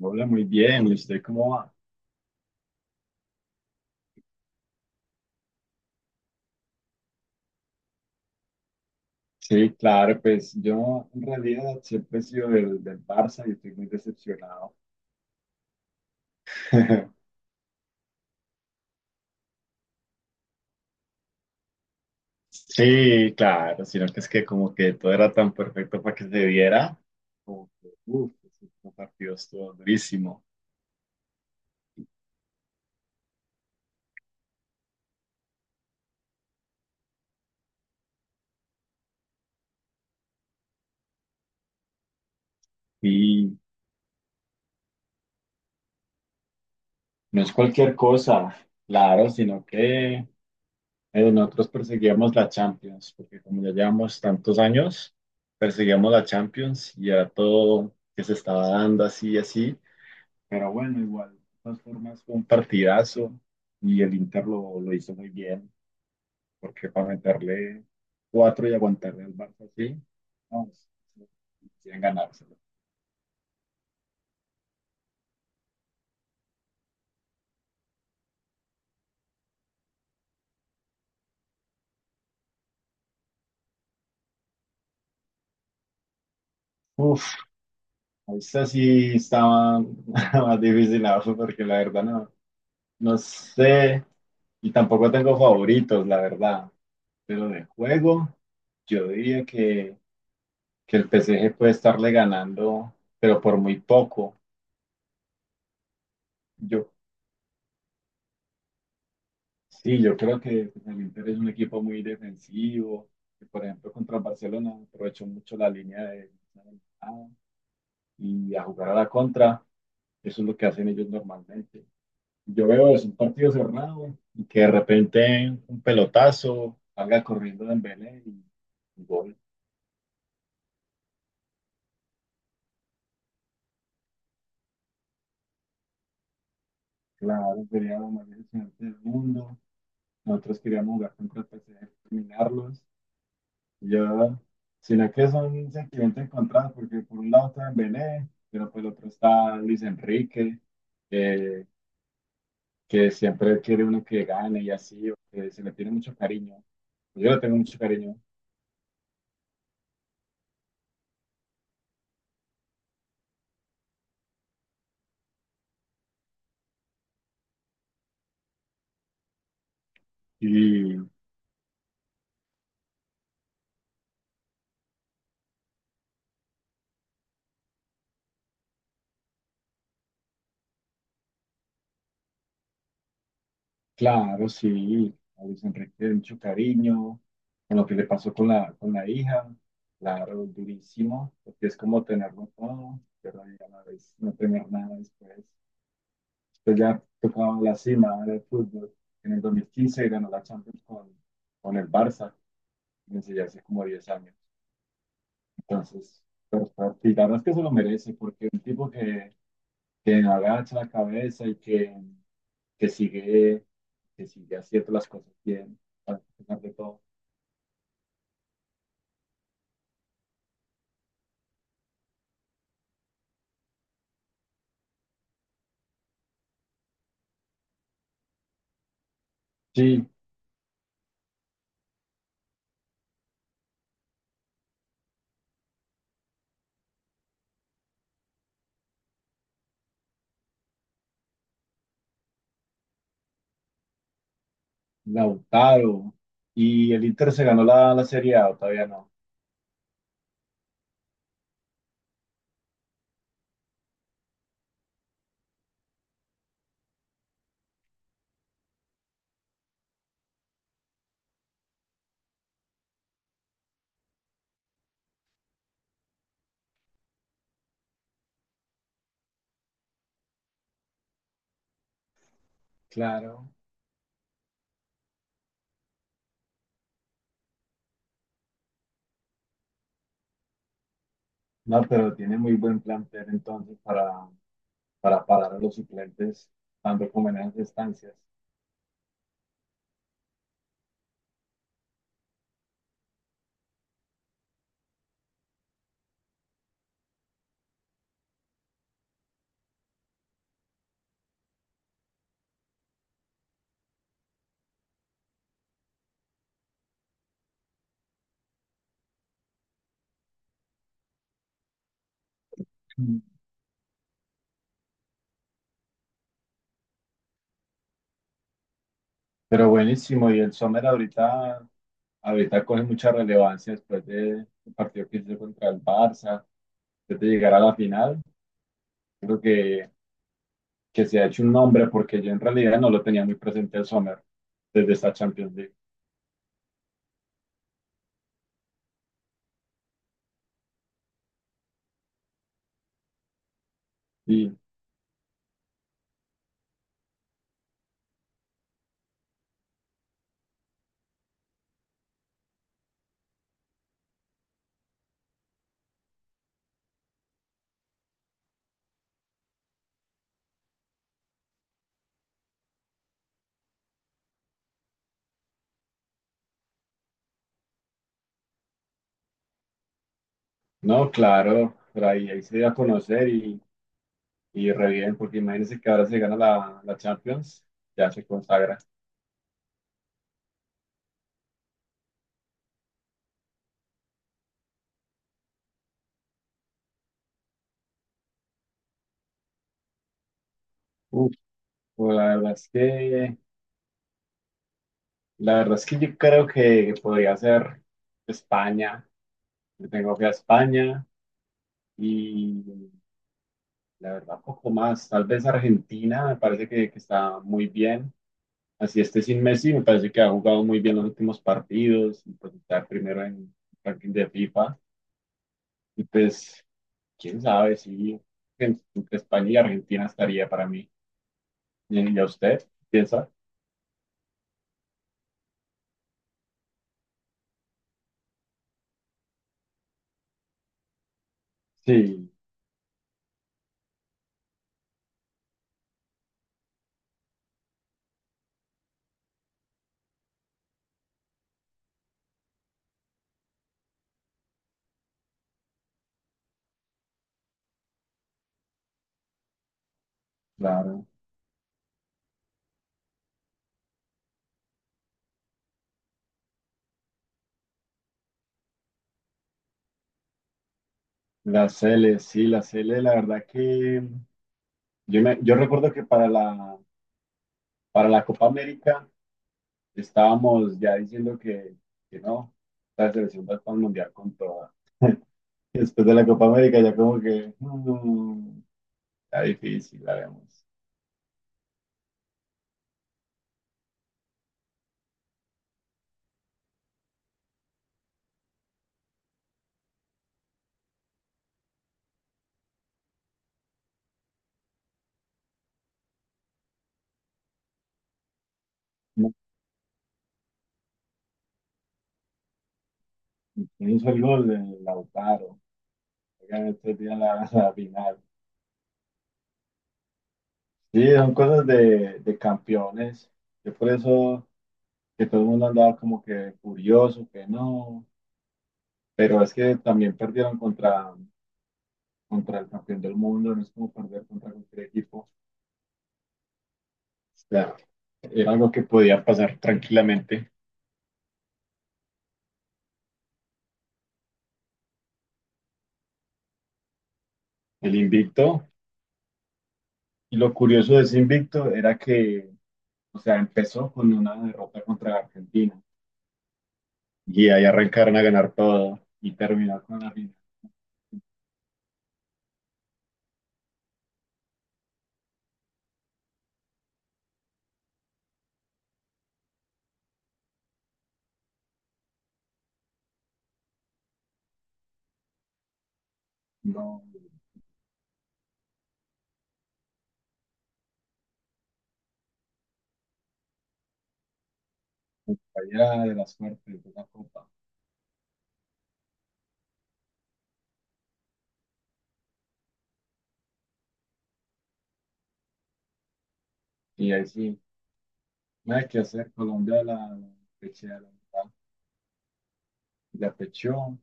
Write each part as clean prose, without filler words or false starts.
Hola, muy bien. ¿Y usted cómo va? Sí, claro, pues yo en realidad siempre he sido del Barça y estoy muy decepcionado. Sí, claro, sino que es que como que todo era tan perfecto para que se viera, como que, uff, este partido estuvo durísimo. Y no es cualquier cosa, claro, sino que nosotros perseguíamos la Champions, porque como ya llevamos tantos años, perseguíamos la Champions y era todo que se estaba dando así y así. Pero bueno, igual, de todas formas, fue un partidazo y el Inter lo hizo muy bien, porque para meterle cuatro y aguantarle al Barça así, no, quieren ganárselo. Uf, esta sí estaba más difícil abajo, porque la verdad no, no sé, y tampoco tengo favoritos, la verdad, pero de juego, yo diría que el PSG puede estarle ganando, pero por muy poco. Yo Sí, yo creo que pues, el Inter es un equipo muy defensivo, que por ejemplo contra el Barcelona aprovechó mucho la línea de y a jugar a la contra, eso es lo que hacen ellos normalmente. Yo veo es un partido cerrado y que de repente un pelotazo salga corriendo Dembélé y gol. Claro, sería lo más decepcionante del mundo. Nosotros queríamos jugar contra el PSG, dominarlos, Yo, sino que son sentimientos encontrados, porque por un lado está Dembélé, pero por el otro está Luis Enrique, eh, que siempre quiere uno que gane y así, o que se le tiene mucho cariño. Yo le tengo mucho cariño. Y claro, sí, a Luis Enrique le tiene mucho cariño, con lo que le pasó con la hija, claro, durísimo, porque es como tenerlo todo, pero ya no, no tener nada después. Pues ya tocaba la cima del fútbol. En el 2015 ganó la Champions con el Barça, desde ya hace como 10 años. Entonces, pero, y la verdad es que se lo merece, porque un tipo que agacha la cabeza y que que sigue haciendo las cosas bien, a pesar de todo. Sí, Lautaro. Y el Inter se ganó la Serie A, ¿o todavía no? Claro. No, pero tiene muy buen plantel entonces para parar a los suplentes, dando como en esas estancias. Mm. Pero buenísimo, y el Sommer ahorita coge mucha relevancia después del partido que hizo contra el Barça, después de llegar a la final. Creo que se ha hecho un nombre porque yo en realidad no lo tenía muy presente el Sommer desde esta Champions League. Y no, claro, pero ahí se dio a conocer y, re bien, porque imagínense que ahora se gana la Champions, ya se consagra. Pues la verdad es que yo creo que podría ser España. Yo tengo que a España y la verdad poco más. Tal vez Argentina me parece que está muy bien. Así esté sin Messi, me parece que ha jugado muy bien los últimos partidos y pues está primero en el ranking de FIFA. Y pues, quién sabe si entre España y Argentina estaría para mí. ¿Y a usted piensa? Sí, claro. Las Cele, sí, las Cele, la verdad que yo, yo recuerdo que para la Copa América estábamos ya diciendo que no, la selección va para el Mundial con toda. Y después de la Copa América ya como que está difícil, la vemos. No, ¿quién hizo el gol? El Lautaro. Oigan, estos días la, la final. Sí, son cosas de campeones. Yo por eso que todo el mundo andaba como que furioso, que no. Pero es que también perdieron contra el campeón del mundo, no es como perder contra cualquier equipo. O sea, era algo que podía pasar tranquilamente. El invicto, y lo curioso de ese invicto era que, o sea, empezó con una derrota contra Argentina y ahí arrancaron a ganar todo y terminó con la final. No, pues, allá de la suerte de la copa. Y ahí sí, nada que hacer, Colombia la pechea, la verdad, la pechó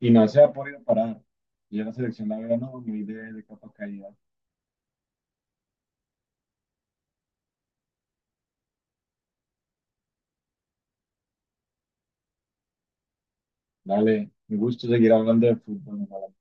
y no se ha podido parar. Y en la selección, la verdad, no, muy de capa caída. Dale, me gusta seguir hablando de fútbol. ¿No?